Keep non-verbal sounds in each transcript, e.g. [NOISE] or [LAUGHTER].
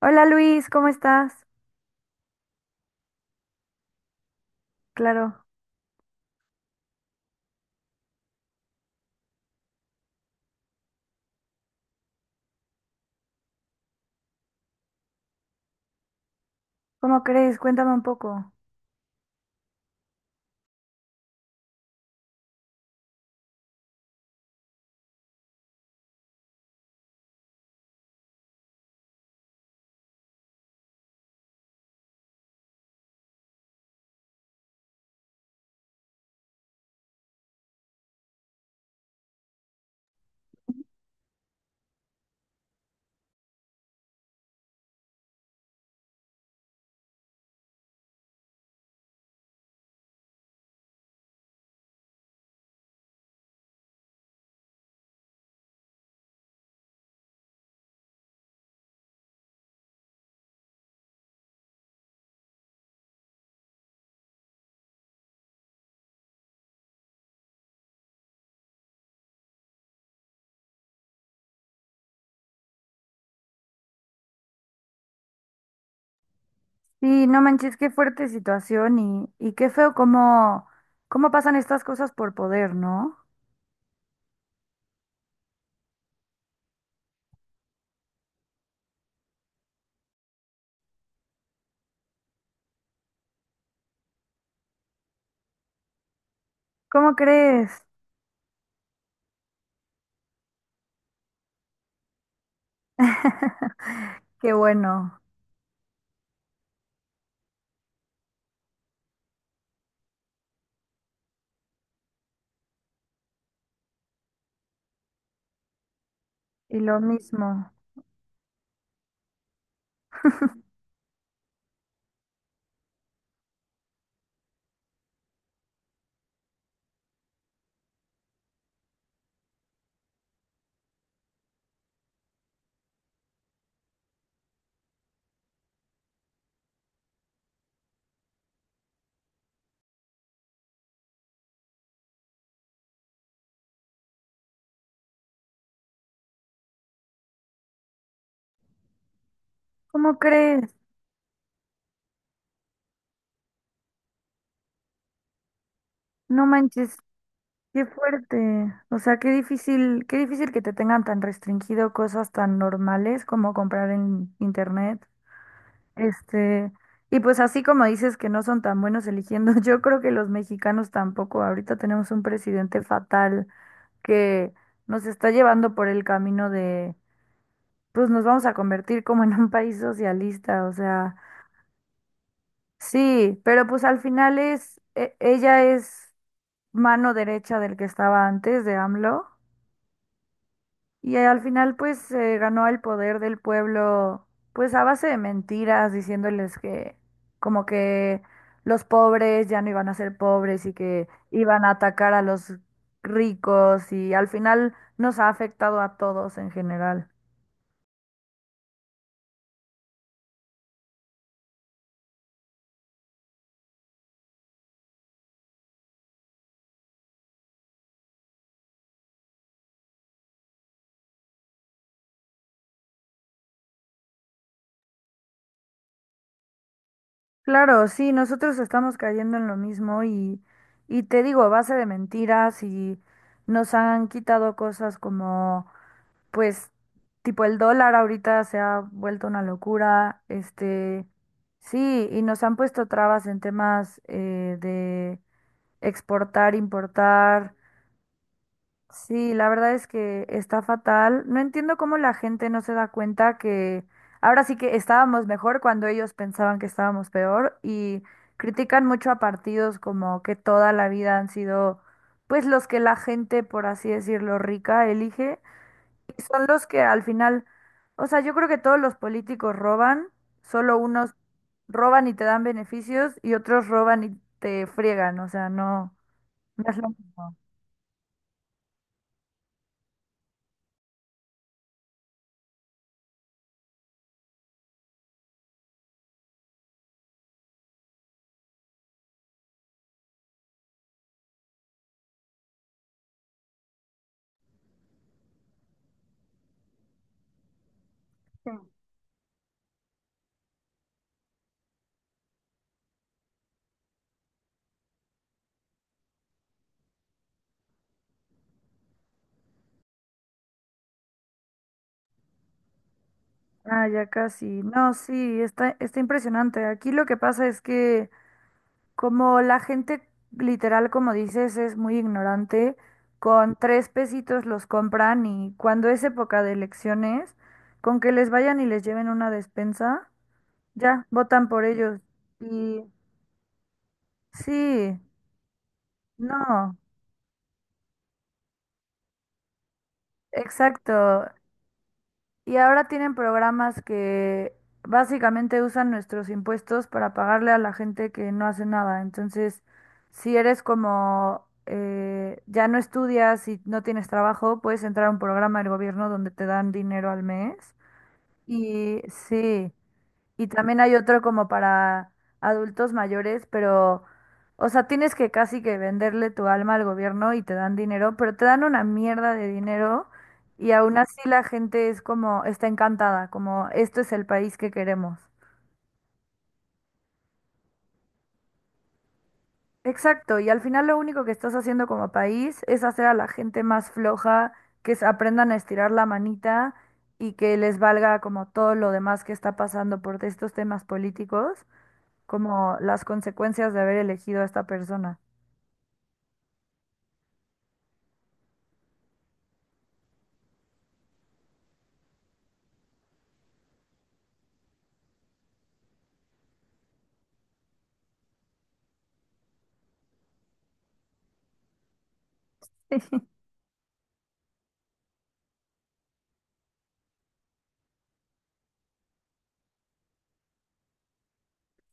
Hola Luis, ¿cómo estás? Claro, ¿cómo crees? Cuéntame un poco. Sí, no manches, qué fuerte situación y qué feo cómo, cómo pasan estas cosas por poder, ¿no? ¿Cómo crees? [LAUGHS] Qué bueno. Y lo mismo. ¿Cómo crees? No manches, qué fuerte. O sea, qué difícil que te tengan tan restringido cosas tan normales como comprar en internet. Este, y pues así como dices que no son tan buenos eligiendo, [LAUGHS] yo creo que los mexicanos tampoco. Ahorita tenemos un presidente fatal que nos está llevando por el camino de, pues nos vamos a convertir como en un país socialista, o sea, sí, pero pues al final es, ella es mano derecha del que estaba antes de AMLO. Y al final pues se ganó el poder del pueblo pues a base de mentiras, diciéndoles que como que los pobres ya no iban a ser pobres y que iban a atacar a los ricos y al final nos ha afectado a todos en general. Claro, sí, nosotros estamos cayendo en lo mismo y te digo, a base de mentiras y nos han quitado cosas como pues tipo el dólar ahorita se ha vuelto una locura, este, sí, y nos han puesto trabas en temas de exportar, importar. Sí, la verdad es que está fatal. No entiendo cómo la gente no se da cuenta que ahora sí que estábamos mejor cuando ellos pensaban que estábamos peor y critican mucho a partidos como que toda la vida han sido pues los que la gente, por así decirlo, rica elige son los que al final, o sea, yo creo que todos los políticos roban, solo unos roban y te dan beneficios y otros roban y te friegan, o sea, no, no es lo mismo. Sí. Ah, ya casi. No, sí, está, está impresionante. Aquí lo que pasa es que como la gente literal, como dices, es muy ignorante, con tres pesitos los compran y cuando es época de elecciones, con que les vayan y les lleven una despensa, ya, votan por ellos. Y sí, no, exacto. Y ahora tienen programas que básicamente usan nuestros impuestos para pagarle a la gente que no hace nada. Entonces, si eres como ya no estudias y no tienes trabajo, puedes entrar a un programa del gobierno donde te dan dinero al mes. Y sí. Y también hay otro como para adultos mayores, pero, o sea, tienes que casi que venderle tu alma al gobierno y te dan dinero, pero te dan una mierda de dinero y aún así la gente es como, está encantada, como, esto es el país que queremos. Exacto, y al final lo único que estás haciendo como país es hacer a la gente más floja, que se aprendan a estirar la manita y que les valga como todo lo demás que está pasando por estos temas políticos, como las consecuencias de haber elegido a esta persona. [LAUGHS] Sí,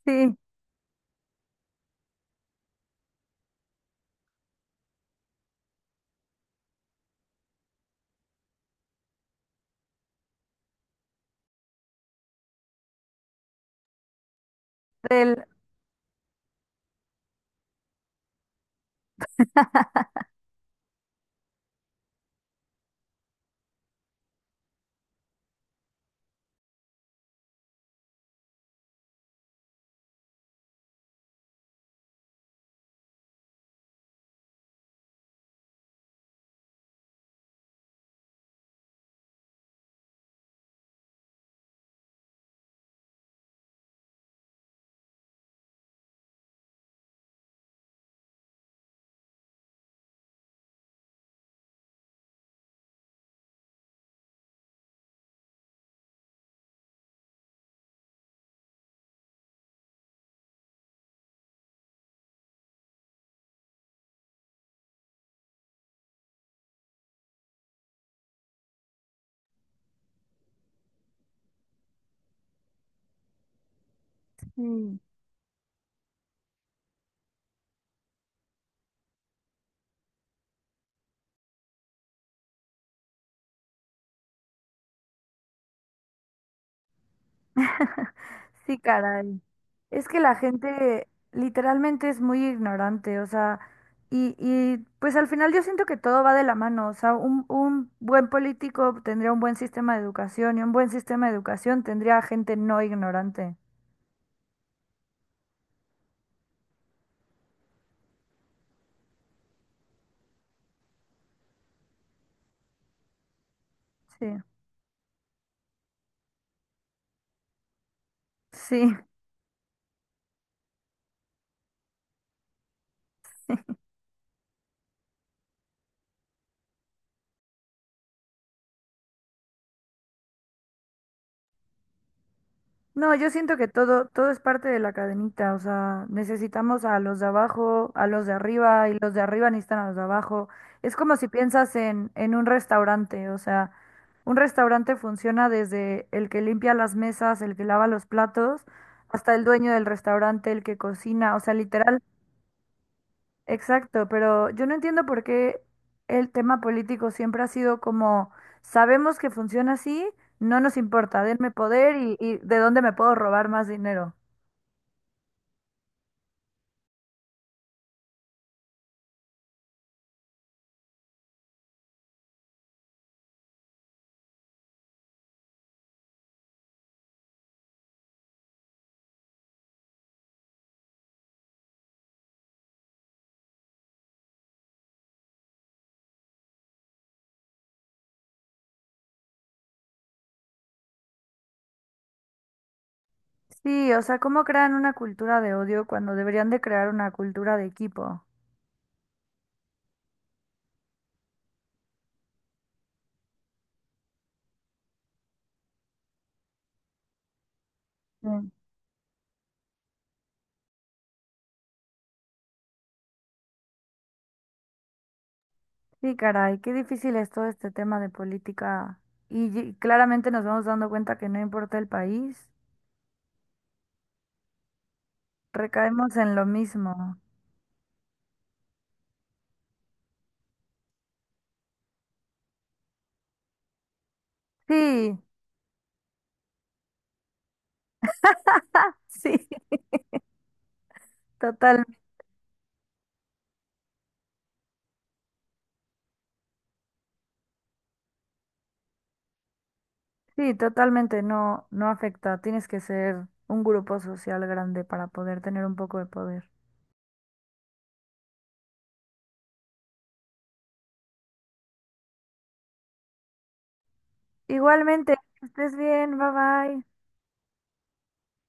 sí, del... Sí, [LAUGHS] sí, caray. Es que la gente literalmente es muy ignorante, o sea, y pues al final yo siento que todo va de la mano, o sea, un buen político tendría un buen sistema de educación y un buen sistema de educación tendría gente no ignorante. Sí, sí. No, yo siento que todo, todo es parte de la cadenita, o sea, necesitamos a los de abajo, a los de arriba, y los de arriba necesitan a los de abajo. Es como si piensas en un restaurante, o sea, un restaurante funciona desde el que limpia las mesas, el que lava los platos, hasta el dueño del restaurante, el que cocina, o sea, literal. Exacto, pero yo no entiendo por qué el tema político siempre ha sido como, sabemos que funciona así, no nos importa, denme poder y de dónde me puedo robar más dinero. Sí, o sea, ¿cómo crean una cultura de odio cuando deberían de crear una cultura de equipo? Mm. Sí, caray, qué difícil es todo este tema de política. Y, claramente nos vamos dando cuenta que no importa el país, recaemos en lo mismo. Sí, [LAUGHS] sí, totalmente. Sí, totalmente no, no afecta. Tienes que ser un grupo social grande para poder tener un poco de poder. Igualmente, que estés bien, bye bye.